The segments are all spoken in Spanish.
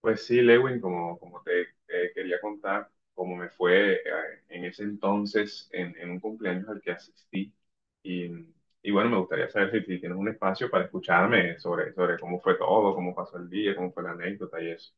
Pues sí, Lewin, te quería contar cómo me fue en ese entonces en un cumpleaños al que asistí. Y, bueno, me gustaría saber si tienes un espacio para escucharme sobre cómo fue todo, cómo pasó el día, cómo fue la anécdota y eso.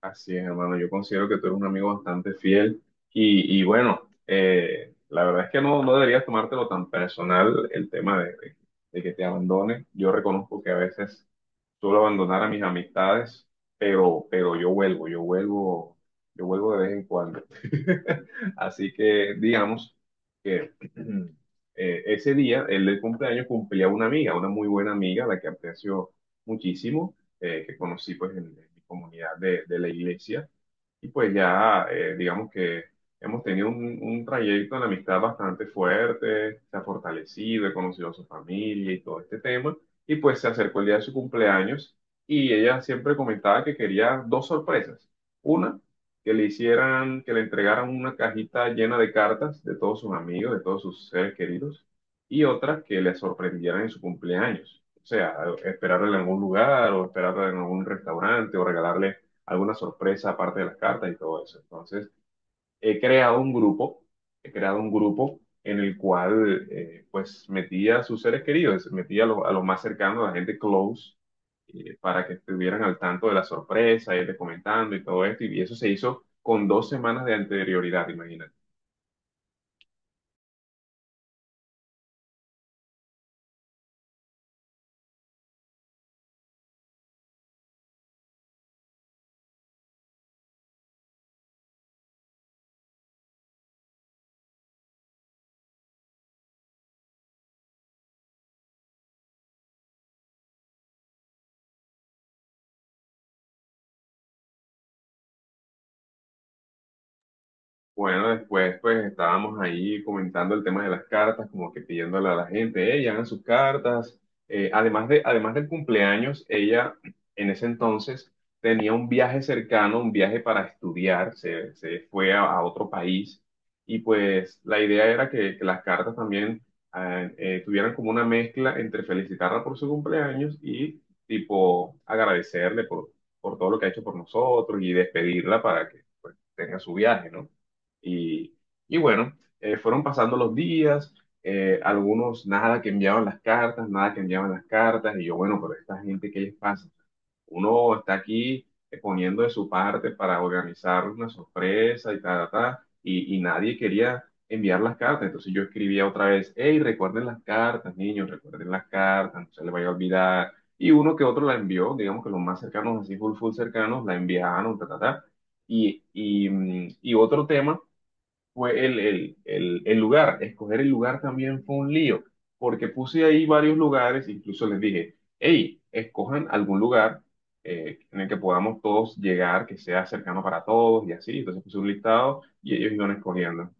Así es, hermano, yo considero que tú eres un amigo bastante fiel. Y bueno, la verdad es que no deberías tomártelo tan personal el tema de que te abandone. Yo reconozco que a veces suelo abandonar a mis amistades, pero yo vuelvo, yo vuelvo, yo vuelvo de vez en cuando. Así que digamos que ese día, el del cumpleaños, cumplía una amiga, una muy buena amiga, la que aprecio muchísimo, que conocí pues en mi comunidad de la iglesia. Y pues ya, digamos que hemos tenido un trayecto de amistad bastante fuerte, se ha fortalecido, he conocido a su familia y todo este tema. Y pues se acercó el día de su cumpleaños y ella siempre comentaba que quería dos sorpresas. Una, que le hicieran, que le entregaran una cajita llena de cartas de todos sus amigos, de todos sus seres queridos. Y otra, que le sorprendieran en su cumpleaños. O sea, esperarle en algún lugar o esperarla en algún restaurante o regalarle alguna sorpresa aparte de las cartas y todo eso. Entonces, he creado un grupo, he creado un grupo en el cual pues metía a sus seres queridos, metía a los más cercanos, a la gente close, para que estuvieran al tanto de la sorpresa, irles comentando y todo esto. Y eso se hizo con 2 semanas de anterioridad, imagínate. Bueno, después pues estábamos ahí comentando el tema de las cartas, como que pidiéndole a la gente, ella hagan sus cartas. Además del cumpleaños, ella en ese entonces tenía un viaje cercano, un viaje para estudiar, se fue a otro país y pues la idea era que las cartas también tuvieran como una mezcla entre felicitarla por su cumpleaños y tipo agradecerle por todo lo que ha hecho por nosotros y despedirla para que pues tenga su viaje, ¿no? Y, y bueno, fueron pasando los días, algunos nada que enviaban las cartas, nada que enviaban las cartas, y yo, bueno, pero esta gente, ¿qué les pasa? Uno está aquí poniendo de su parte para organizar una sorpresa y tal, y nadie quería enviar las cartas, entonces yo escribía otra vez, hey, recuerden las cartas, niños, recuerden las cartas, no se les vaya a olvidar, y uno que otro la envió, digamos que los más cercanos, así full, full cercanos, la enviaron, ta, ta, ta. Y otro tema fue el lugar. Escoger el lugar también fue un lío, porque puse ahí varios lugares, incluso les dije, hey, escojan algún lugar en el que podamos todos llegar, que sea cercano para todos y así. Entonces puse un listado y ellos iban escogiendo.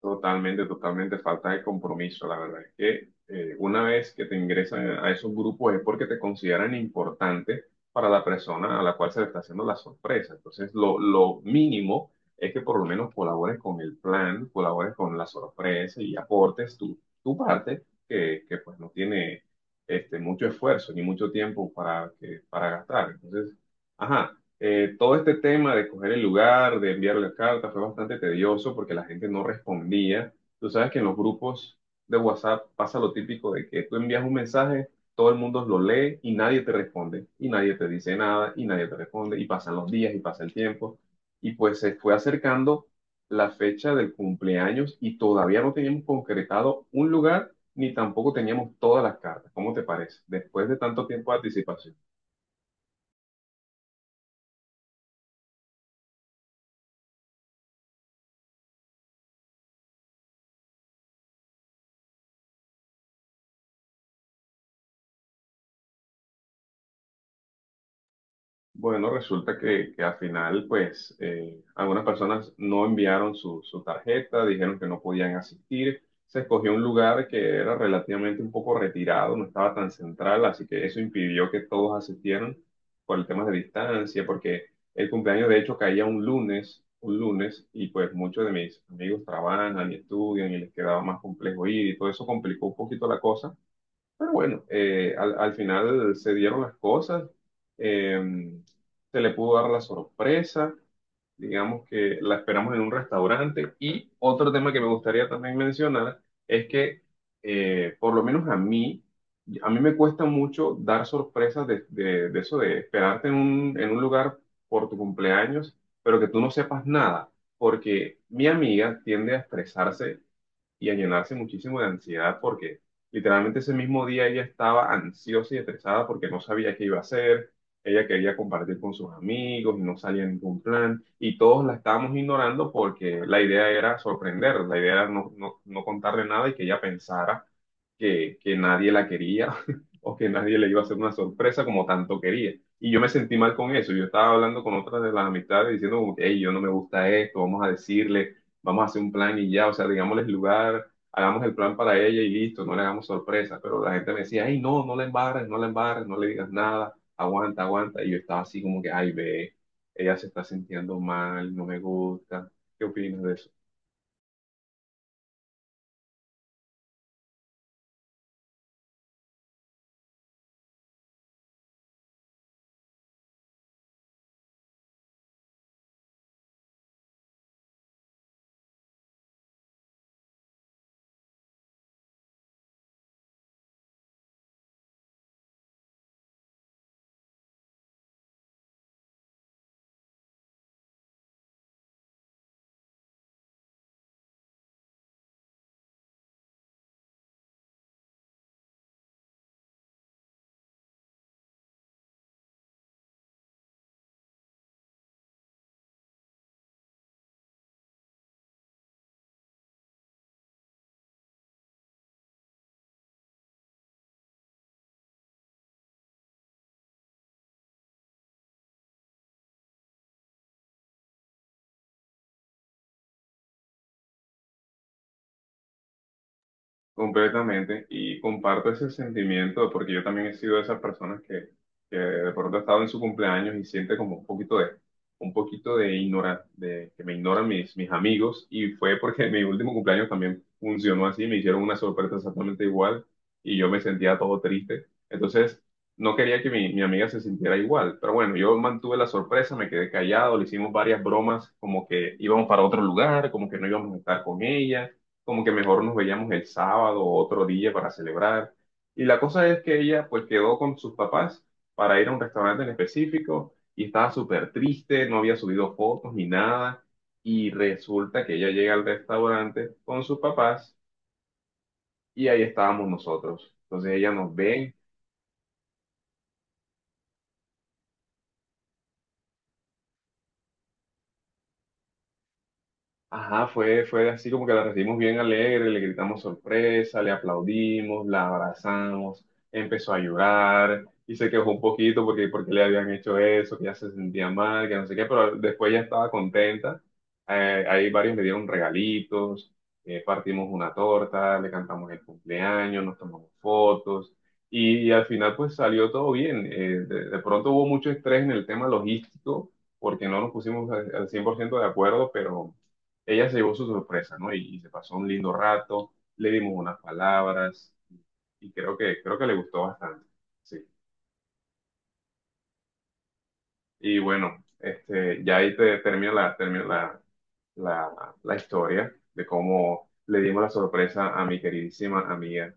Totalmente, totalmente falta de compromiso. La verdad es que una vez que te ingresan a esos grupos es porque te consideran importante para la persona a la cual se le está haciendo la sorpresa. Entonces, lo mínimo es que por lo menos colabores con el plan, colabores con la sorpresa y aportes tu parte, que pues no tiene este, mucho esfuerzo ni mucho tiempo para gastar. Entonces, ajá. Todo este tema de coger el lugar, de enviar la carta, fue bastante tedioso porque la gente no respondía. Tú sabes que en los grupos de WhatsApp pasa lo típico de que tú envías un mensaje, todo el mundo lo lee y nadie te responde, y nadie te dice nada, y nadie te responde, y pasan los días y pasa el tiempo. Y pues se fue acercando la fecha del cumpleaños y todavía no teníamos concretado un lugar ni tampoco teníamos todas las cartas. ¿Cómo te parece? Después de tanto tiempo de anticipación. Bueno, resulta que al final, pues, algunas personas no enviaron su tarjeta, dijeron que no podían asistir. Se escogió un lugar que era relativamente un poco retirado, no estaba tan central, así que eso impidió que todos asistieran por el tema de distancia, porque el cumpleaños de hecho caía un lunes, y pues muchos de mis amigos trabajan y estudian y les quedaba más complejo ir y todo eso complicó un poquito la cosa. Pero bueno, al final se dieron las cosas, eh, se le pudo dar la sorpresa, digamos que la esperamos en un restaurante. Y otro tema que me gustaría también mencionar es que, por lo menos a mí me cuesta mucho dar sorpresas de eso de esperarte en en un lugar por tu cumpleaños, pero que tú no sepas nada, porque mi amiga tiende a estresarse y a llenarse muchísimo de ansiedad porque literalmente ese mismo día ella estaba ansiosa y estresada porque no sabía qué iba a hacer, ella quería compartir con sus amigos y no salía ningún plan y todos la estábamos ignorando porque la idea era sorprender, la idea era no contarle nada y que ella pensara que nadie la quería o que nadie le iba a hacer una sorpresa como tanto quería. Y yo me sentí mal con eso. Yo estaba hablando con otras de las amistades diciendo como que, hey, yo no me gusta esto, vamos a decirle, vamos a hacer un plan y ya, o sea, digámosles el lugar, hagamos el plan para ella y listo, no le hagamos sorpresa. Pero la gente me decía, hey, no, no la embarres, no la embarres, no le digas nada, aguanta, aguanta. Y yo estaba así como que, ay, ve, ella se está sintiendo mal, no me gusta. ¿Qué opinas de eso? Completamente, y comparto ese sentimiento porque yo también he sido de esas personas que de pronto ha estado en su cumpleaños y siente como un poquito de ignorar, de que me ignoran mis amigos y fue porque mi último cumpleaños también funcionó así, me hicieron una sorpresa exactamente igual y yo me sentía todo triste. Entonces, no quería que mi amiga se sintiera igual, pero bueno, yo mantuve la sorpresa, me quedé callado, le hicimos varias bromas como que íbamos para otro lugar, como que no íbamos a estar con ella como que mejor nos veíamos el sábado o otro día para celebrar. Y la cosa es que ella pues quedó con sus papás para ir a un restaurante en específico y estaba súper triste, no había subido fotos ni nada. Y resulta que ella llega al restaurante con sus papás y ahí estábamos nosotros. Entonces ella nos ve. Ajá, fue, fue así como que la recibimos bien alegre, le gritamos sorpresa, le aplaudimos, la abrazamos, empezó a llorar y se quejó un poquito porque, porque le habían hecho eso, que ya se sentía mal, que no sé qué, pero después ya estaba contenta. Ahí varios le dieron regalitos, partimos una torta, le cantamos el cumpleaños, nos tomamos fotos y al final pues salió todo bien. De pronto hubo mucho estrés en el tema logístico porque no nos pusimos al 100% de acuerdo, pero... Ella se llevó su sorpresa, ¿no? Y se pasó un lindo rato, le dimos unas palabras y creo que le gustó bastante, sí. Y bueno, este, ya ahí te termino termino la historia de cómo le dimos la sorpresa a mi queridísima amiga.